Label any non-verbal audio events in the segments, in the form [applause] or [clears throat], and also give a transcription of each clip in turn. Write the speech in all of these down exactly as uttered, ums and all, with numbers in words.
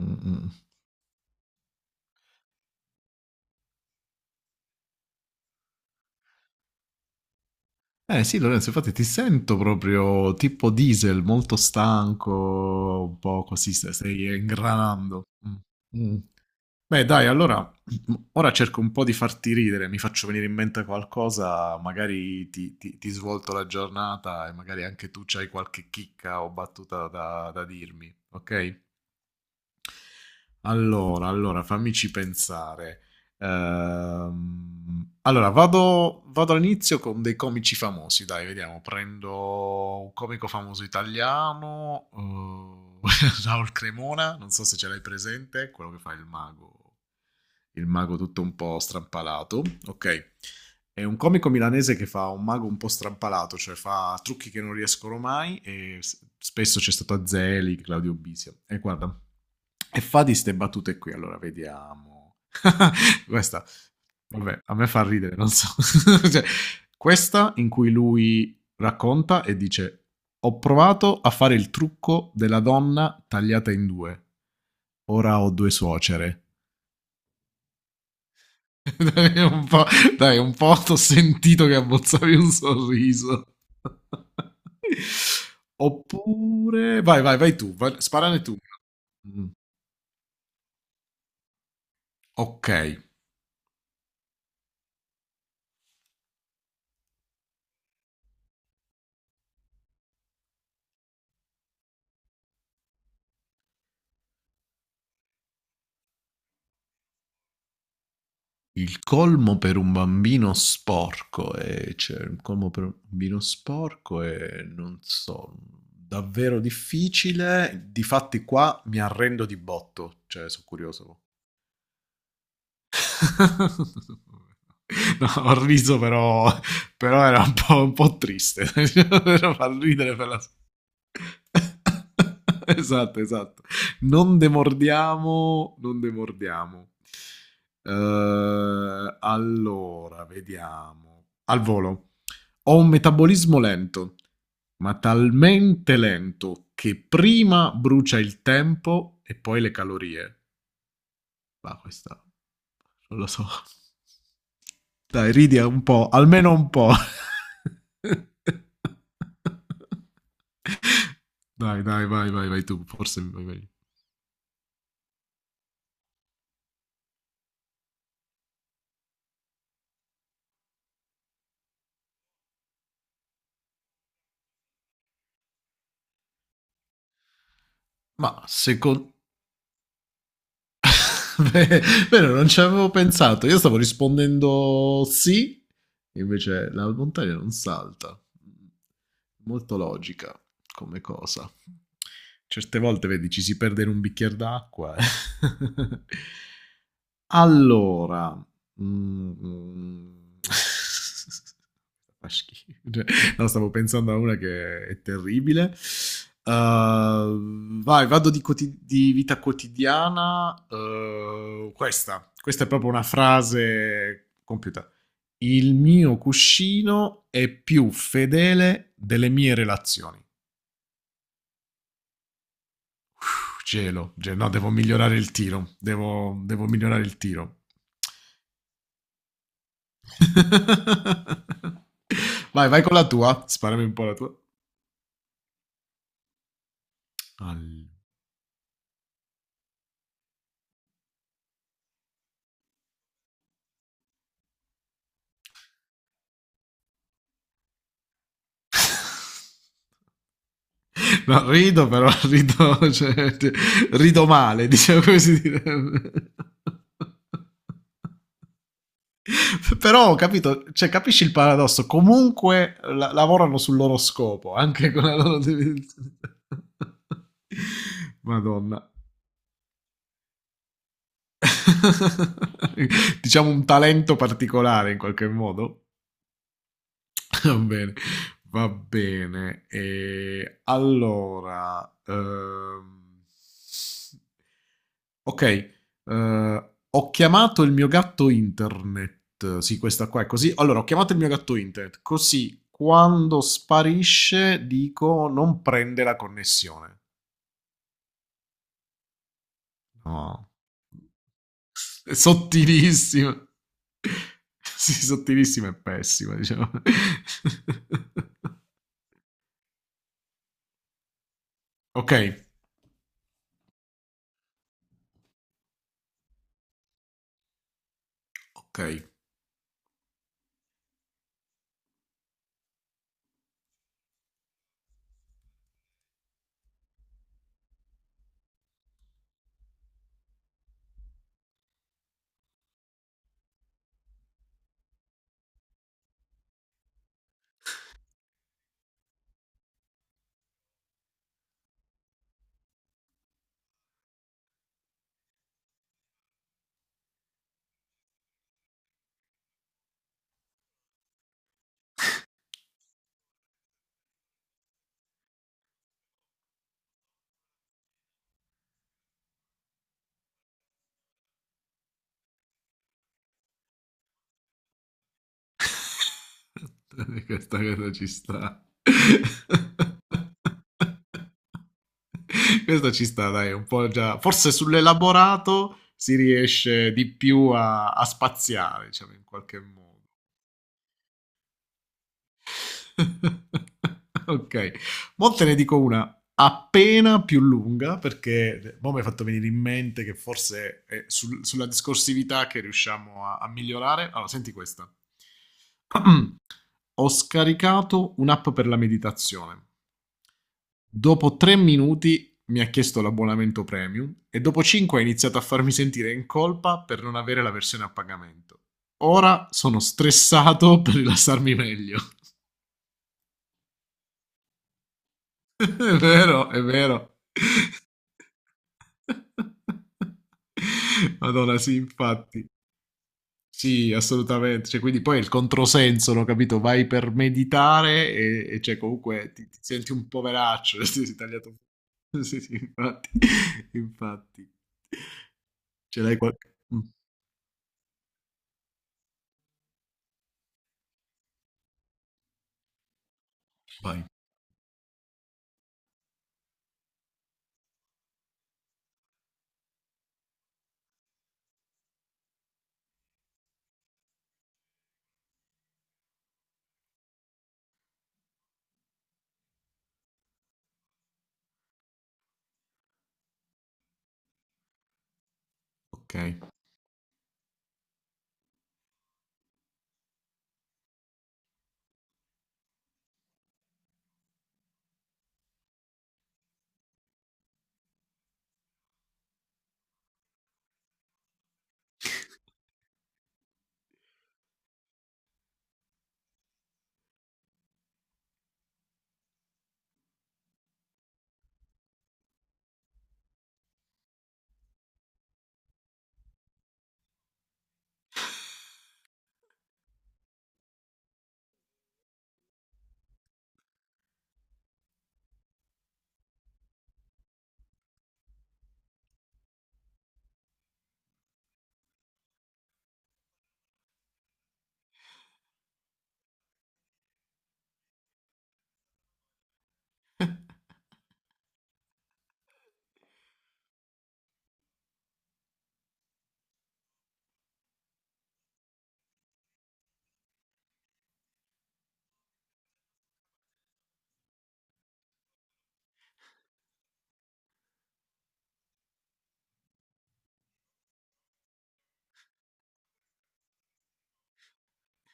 Mm-mm. Eh sì, Lorenzo, infatti ti sento proprio tipo diesel, molto stanco, un po' così, stai, stai ingranando. Mm. Mm. Beh, dai, allora, [clears throat] ora cerco un po' di farti ridere, mi faccio venire in mente qualcosa, magari ti, ti- ti svolto la giornata e magari anche tu c'hai qualche chicca o battuta da, da dirmi, ok? Allora, allora, fammici pensare. Ehm, allora, vado, vado all'inizio con dei comici famosi, dai, vediamo. Prendo un comico famoso italiano, eh, [laughs] Raul Cremona, non so se ce l'hai presente, quello che fa il mago, il mago tutto un po' strampalato. Ok, è un comico milanese che fa un mago un po' strampalato, cioè fa trucchi che non riescono mai e s- spesso c'è stato Azzelli, Claudio Bisio. E guarda. E fa di ste battute qui, allora vediamo. [laughs] questa, vabbè, a me fa ridere, non so. [laughs] Cioè, questa in cui lui racconta e dice: ho provato a fare il trucco della donna tagliata in due. Ora ho due suocere. [laughs] dai, un po', Dai, un po' t'ho sentito che abbozzavi un sorriso. [laughs] Oppure, vai, vai, vai tu, vai, sparane tu. Mm, ok. Il colmo per un bambino sporco, ehm, cioè il colmo per un bambino sporco è, non so, davvero difficile. Difatti qua mi arrendo di botto, cioè so' curioso. [laughs] No, ho riso, però però era un po' un po' triste. [laughs] Però fa ridere per la. [laughs] Esatto, esatto. Non demordiamo, non demordiamo. Eh, allora, vediamo. Al volo. Ho un metabolismo lento, ma talmente lento che prima brucia il tempo e poi le calorie. Ma questa non lo so. Dai, ridi un po', almeno un po'. [laughs] Dai, dai, vai, vai, vai tu, forse vai meglio. Ma secondo me, [laughs] non ci avevo pensato. Io stavo rispondendo sì, invece la montagna non salta. Molto logica come cosa. Certe volte, vedi, ci si perde in un bicchiere d'acqua. [laughs] Allora, mhmm, [laughs] fa schifo. Cioè, no, stavo pensando a una che è terribile. Uhm, vai, vado di, quoti- di vita quotidiana. Uhm, questa, questa è proprio una frase compiuta. Il mio cuscino è più fedele delle mie relazioni. Puh, Gelo, Ge- no, devo migliorare il tiro. Devo, devo migliorare il tiro. [laughs] Vai, vai con la tua. Sparami un po' la tua. All- No, rido però, rido, cioè, ti- rido male. [laughs] Diciamo come si direbbe. [laughs] Però ho capito, cioè, capisci il paradosso? Comunque la- lavorano sul loro scopo, anche con la loro definizione. [laughs] Madonna. [laughs] Diciamo un talento particolare in qualche modo. [laughs] Va bene, va bene. E allora, ehm, ok, eh, ho chiamato il mio gatto internet. Sì, questa qua è così. Allora, ho chiamato il mio gatto internet, così quando sparisce dico non prende la connessione. No, è sottilissima. [laughs] Sì, sottilissima e pessima, diciamo. [laughs] Ok, ok. [laughs] Questa cosa ci sta. [laughs] Questa ci sta, dai, un po' già. Forse sull'elaborato si riesce di più a, a spaziare, diciamo, in qualche modo. [laughs] Ok, mo te ne dico una appena più lunga, perché mo mi hai fatto venire in mente che forse è sul- sulla discorsività che riusciamo a, a migliorare. Allora, senti questa. Ho scaricato un'app per la meditazione. Dopo tre minuti mi ha chiesto l'abbonamento premium e dopo cinque ha iniziato a farmi sentire in colpa per non avere la versione a pagamento. Ora sono stressato [laughs] per rilassarmi meglio. [laughs] È vero, è vero. [laughs] Madonna, sì, infatti. Sì, assolutamente. Cioè, quindi poi è il controsenso, no, capito? Vai per meditare e, e cioè, comunque ti, ti senti un poveraccio. [laughs] Sì, sì, tagliato. [laughs] Sì, sì, infatti. [laughs] Infatti. Ce l'hai qualche... Mm, vai, ok.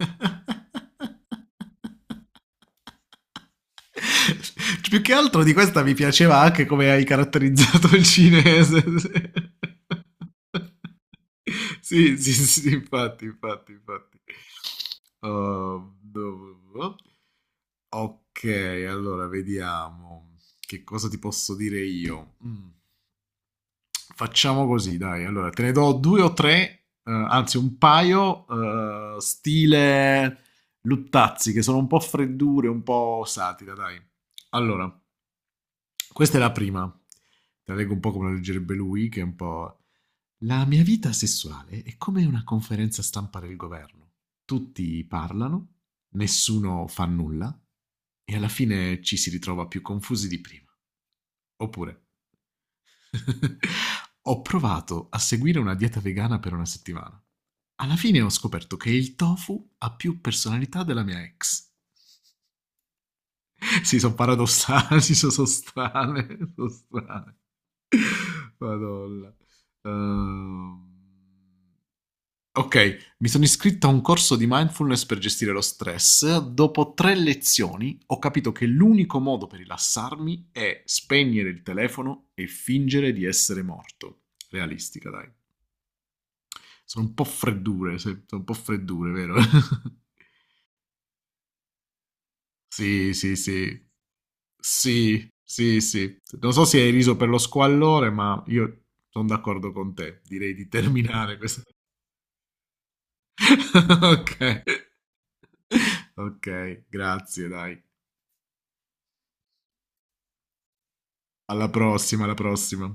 [laughs] Più che altro di questa mi piaceva anche come hai caratterizzato il cinese. [laughs] Sì, sì, sì, infatti, infatti, infatti. Oh, no. Ok, allora vediamo che cosa ti posso dire io. Mm. Facciamo così, dai. Allora, te ne do due o tre, eh, anzi un paio, eh, stile Luttazzi, che sono un po' freddure, un po' satira, dai. Allora, questa è la prima. Te la leggo un po' come la leggerebbe lui, che è un po'... La mia vita sessuale è come una conferenza stampa del governo. Tutti parlano, nessuno fa nulla e alla fine ci si ritrova più confusi di prima. Oppure... [laughs] Ho provato a seguire una dieta vegana per una settimana. Alla fine ho scoperto che il tofu ha più personalità della mia ex. Sì, sono paradossali, [laughs] si sono so strane, [laughs] sono strane. Madonna. Ehm, ok, mi sono iscritto a un corso di mindfulness per gestire lo stress. Dopo tre lezioni ho capito che l'unico modo per rilassarmi è spegnere il telefono e fingere di essere morto. Realistica, dai. Sono un po' freddure, se- sono un po' freddure, vero? [laughs] Sì, sì, sì. Sì, sì, sì. Non so se hai riso per lo squallore, ma io sono d'accordo con te. Direi di terminare questo. [laughs] Ok. Ok, grazie, dai. Alla prossima, alla prossima.